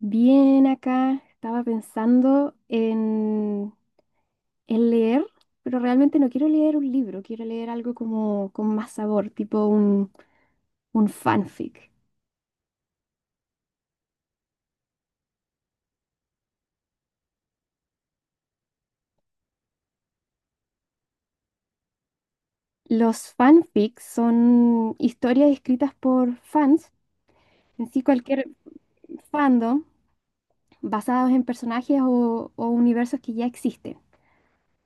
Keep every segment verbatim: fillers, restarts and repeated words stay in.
Bien, acá estaba pensando en, en leer, pero realmente no quiero leer un libro. Quiero leer algo como con más sabor, tipo un, un fanfic. Los fanfics son historias escritas por fans, en sí cualquier fandom, basados en personajes o, o universos que ya existen.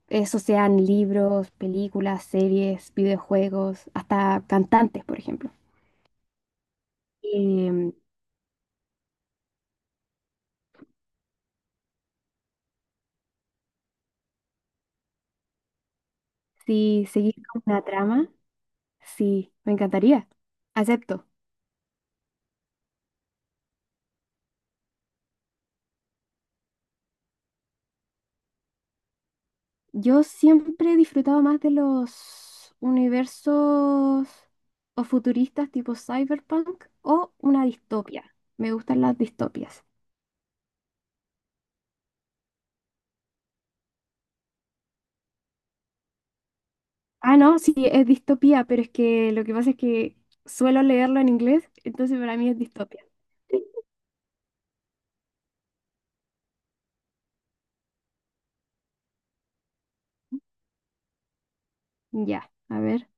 Eso sean libros, películas, series, videojuegos, hasta cantantes, por ejemplo. Em, si seguís con una trama. Sí, me encantaría. Acepto. Yo siempre he disfrutado más de los universos o futuristas tipo cyberpunk o una distopia. Me gustan las distopias. Ah, no, sí, es distopía, pero es que lo que pasa es que suelo leerlo en inglés, entonces para mí es distopia. Ya, a ver.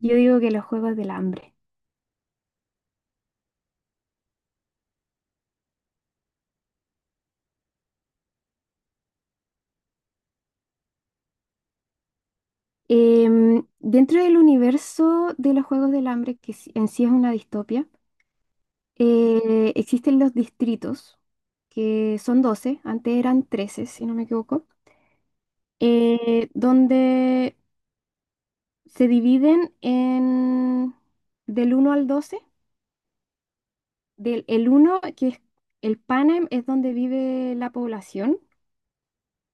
Yo digo que los Juegos del Hambre. Em, dentro del universo de los Juegos del Hambre, que sí- en sí es una distopia. Eh, existen los distritos, que son doce, antes eran trece si no me equivoco, eh, donde se dividen en del uno al doce. Del, el uno que es el Panem, es donde vive la población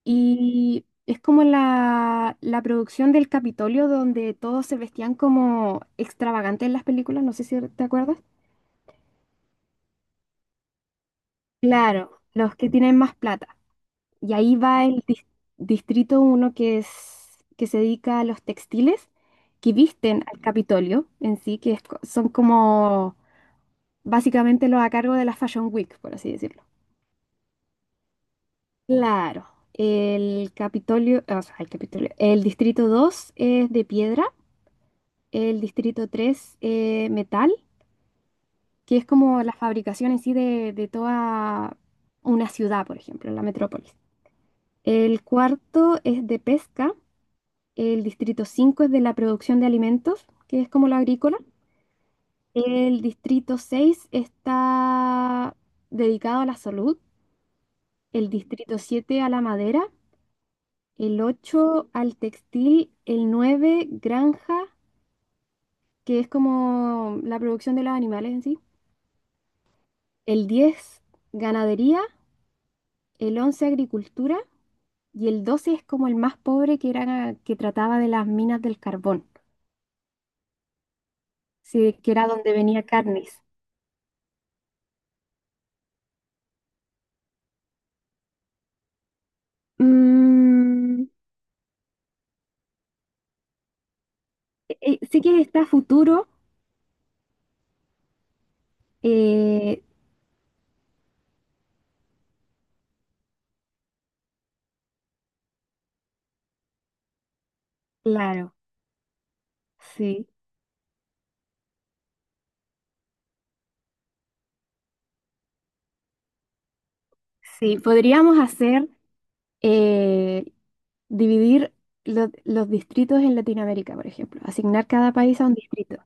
y es como la, la producción del Capitolio, donde todos se vestían como extravagantes en las películas. No sé si te acuerdas. Claro, los que tienen más plata. Y ahí va el dis- distrito uno que es, que se dedica a los textiles que visten al Capitolio en sí, que es co- son como básicamente los a cargo de la Fashion Week, por así decirlo. Claro, el Capitolio, o sea, el Capitolio. El distrito dos es de piedra, el distrito tres, eh, metal, que es como la fabricación en sí de, de toda una ciudad, por ejemplo, la metrópolis. El cuarto es de pesca. El distrito cinco es de la producción de alimentos, que es como lo agrícola. El distrito seis está dedicado a la salud. El distrito siete a la madera. El ocho al textil. El nueve granja, que es como la producción de los animales en sí. El diez ganadería. El once agricultura. Y el doce es como el más pobre, que era que trataba de las minas del carbón, sí, que era donde venía carnes. Mm, Eh, sí, que está futuro, eh, claro, sí, sí. Podríamos hacer, eh, dividir lo- los distritos en Latinoamérica, por ejemplo, asignar cada país a un distrito.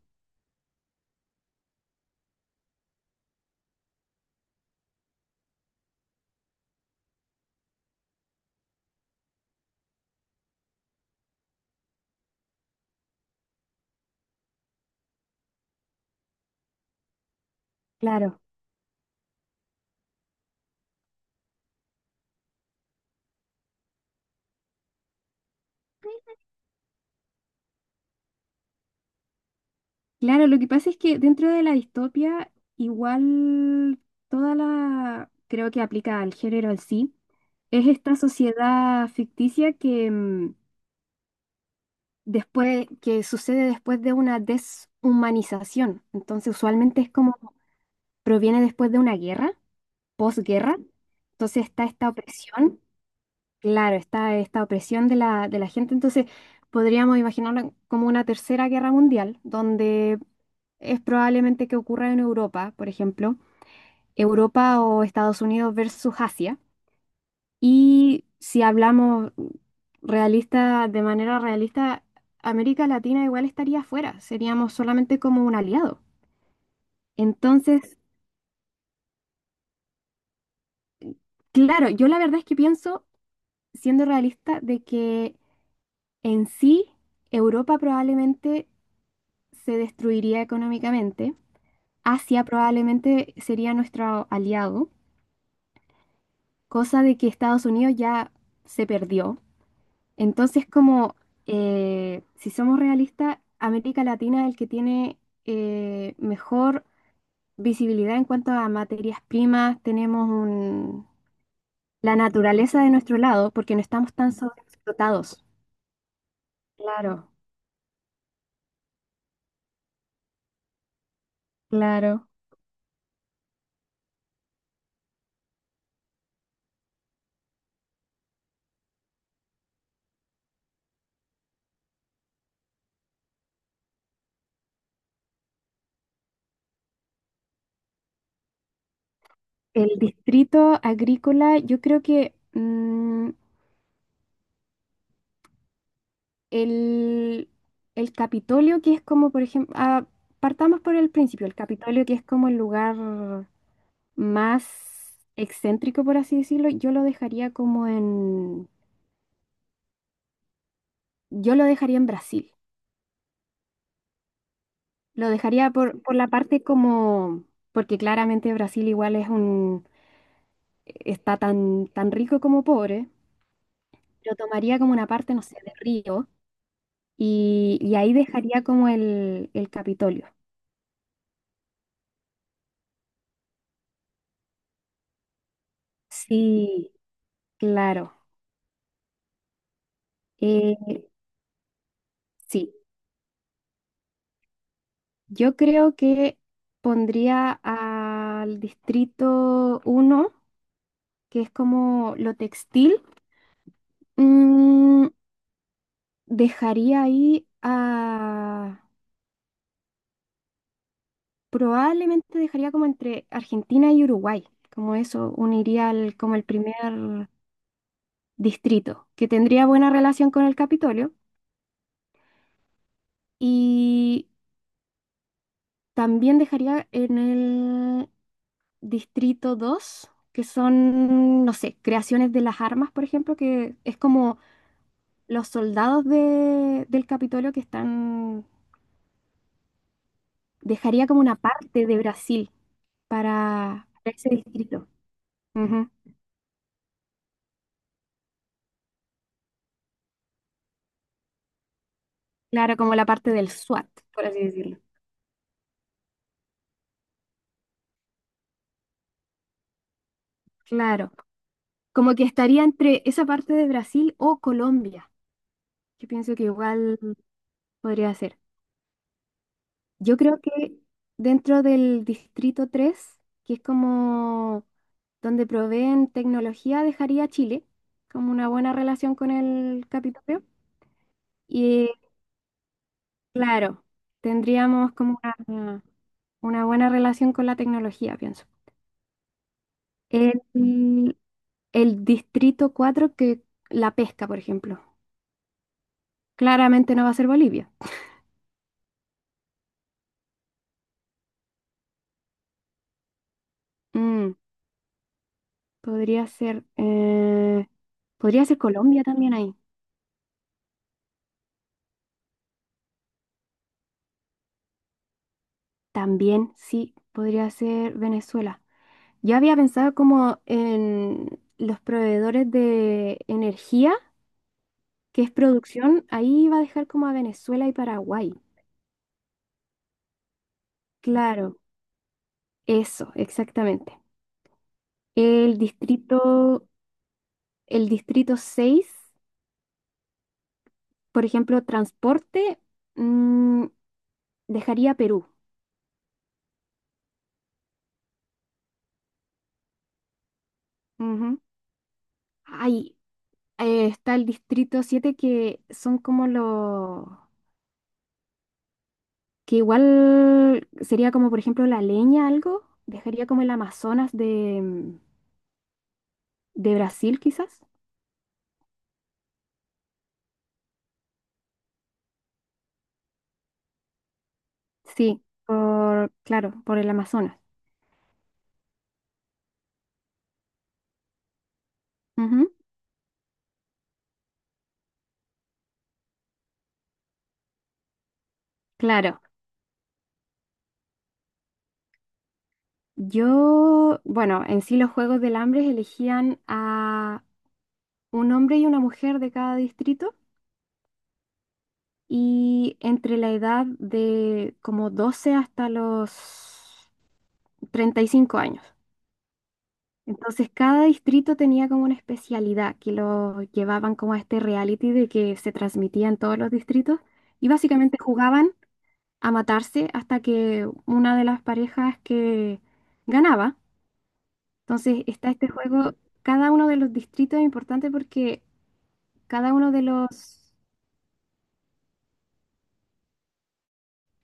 Claro, claro, lo que pasa es que dentro de la distopia, igual, toda la, creo que aplica al género en sí. Es esta sociedad ficticia que, mm, después, que sucede después de una deshumanización. Entonces, usualmente es como proviene después de una guerra, posguerra. Entonces está esta opresión, claro, está esta opresión de la, de la gente. Entonces podríamos imaginarla como una tercera guerra mundial, donde es probablemente que ocurra en Europa, por ejemplo. Europa o Estados Unidos versus Asia. Y si hablamos realista, de manera realista, América Latina igual estaría afuera, seríamos solamente como un aliado. Entonces, claro, yo la verdad es que pienso, siendo realista, de que en sí Europa probablemente se destruiría económicamente. Asia probablemente sería nuestro aliado, cosa de que Estados Unidos ya se perdió. Entonces, como, eh, si somos realistas, América Latina es el que tiene, eh, mejor visibilidad en cuanto a materias primas. Tenemos un- la naturaleza de nuestro lado, porque no estamos tan sobreexplotados. Claro, claro. El distrito agrícola, yo creo que, mm, el, el Capitolio, que es como, por ejemplo, ah, partamos por el principio. El Capitolio, que es como el lugar más excéntrico, por así decirlo, yo lo dejaría como en, yo lo dejaría en Brasil. Lo dejaría por, por la parte, como, porque claramente Brasil igual es un, está tan, tan rico como pobre. Lo tomaría como una parte, no sé, de río. Y, y ahí dejaría como el, el Capitolio. Sí, claro. Eh, sí, yo creo que pondría al distrito uno, que es como lo textil. Mm, Dejaría ahí a... Probablemente dejaría como entre Argentina y Uruguay. Como eso, uniría al- como el primer distrito, que tendría buena relación con el Capitolio. Y también dejaría en el distrito dos, que son, no sé, creaciones de las armas, por ejemplo, que es como los soldados de- del Capitolio que están. Dejaría como una parte de Brasil para ese distrito. Ujú. Claro, como la parte del SWAT, por así decirlo. Claro, como que estaría entre esa parte de Brasil o Colombia, que pienso que igual podría ser. Yo creo que dentro del distrito tres, que es como donde proveen tecnología, dejaría a Chile, como una buena relación con el Capitolio. Y claro, tendríamos como una, una buena relación con la tecnología, pienso. El, el distrito cuatro, que la pesca, por ejemplo, claramente no va a ser Bolivia. Mm, Podría ser, eh, podría ser Colombia también ahí. También sí, podría ser Venezuela. Yo había pensado como en los proveedores de energía, que es producción, ahí iba a dejar como a Venezuela y Paraguay. Claro, eso, exactamente. El distrito, el distrito seis, por ejemplo, transporte, mm, dejaría a Perú. Ujú. Ahí, eh, está el distrito siete, que son como los que igual sería como, por ejemplo, la leña, algo. Dejaría como el Amazonas de, de Brasil, quizás. Sí, por, claro, por el Amazonas. Ujú. Claro. Yo, bueno, en sí los Juegos del Hambre elegían a un hombre y una mujer de cada distrito, y entre la edad de como doce hasta los treinta y cinco años. Entonces cada distrito tenía como una especialidad que lo llevaban como a este reality, de que se transmitía en todos los distritos, y básicamente jugaban a matarse hasta que una de las parejas que ganaba. Entonces está este juego, cada uno de los distritos es importante, porque cada uno de los,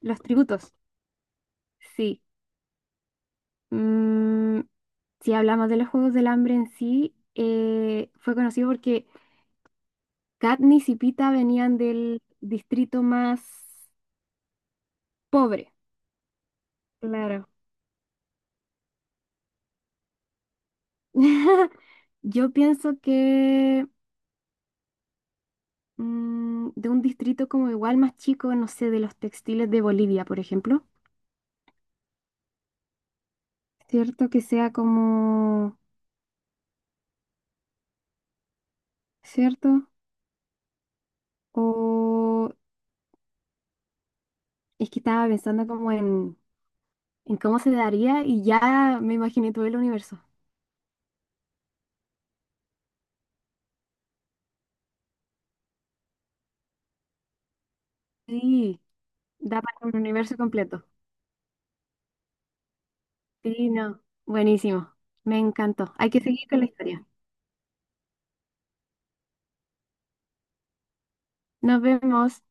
los tributos, sí. Mm, si hablamos de los Juegos del Hambre en sí, eh, fue conocido porque Katniss y Pita venían del distrito más pobre, claro. Yo pienso que, mm, de un distrito como igual más chico, no sé, de los textiles de Bolivia, por ejemplo. Cierto que sea como, ¿cierto? O es que estaba pensando como en, en cómo se daría, y ya me imaginé todo el universo. Sí, da para un universo completo. Sí, no. Buenísimo. Me encantó. Hay que seguir con la historia. Nos vemos.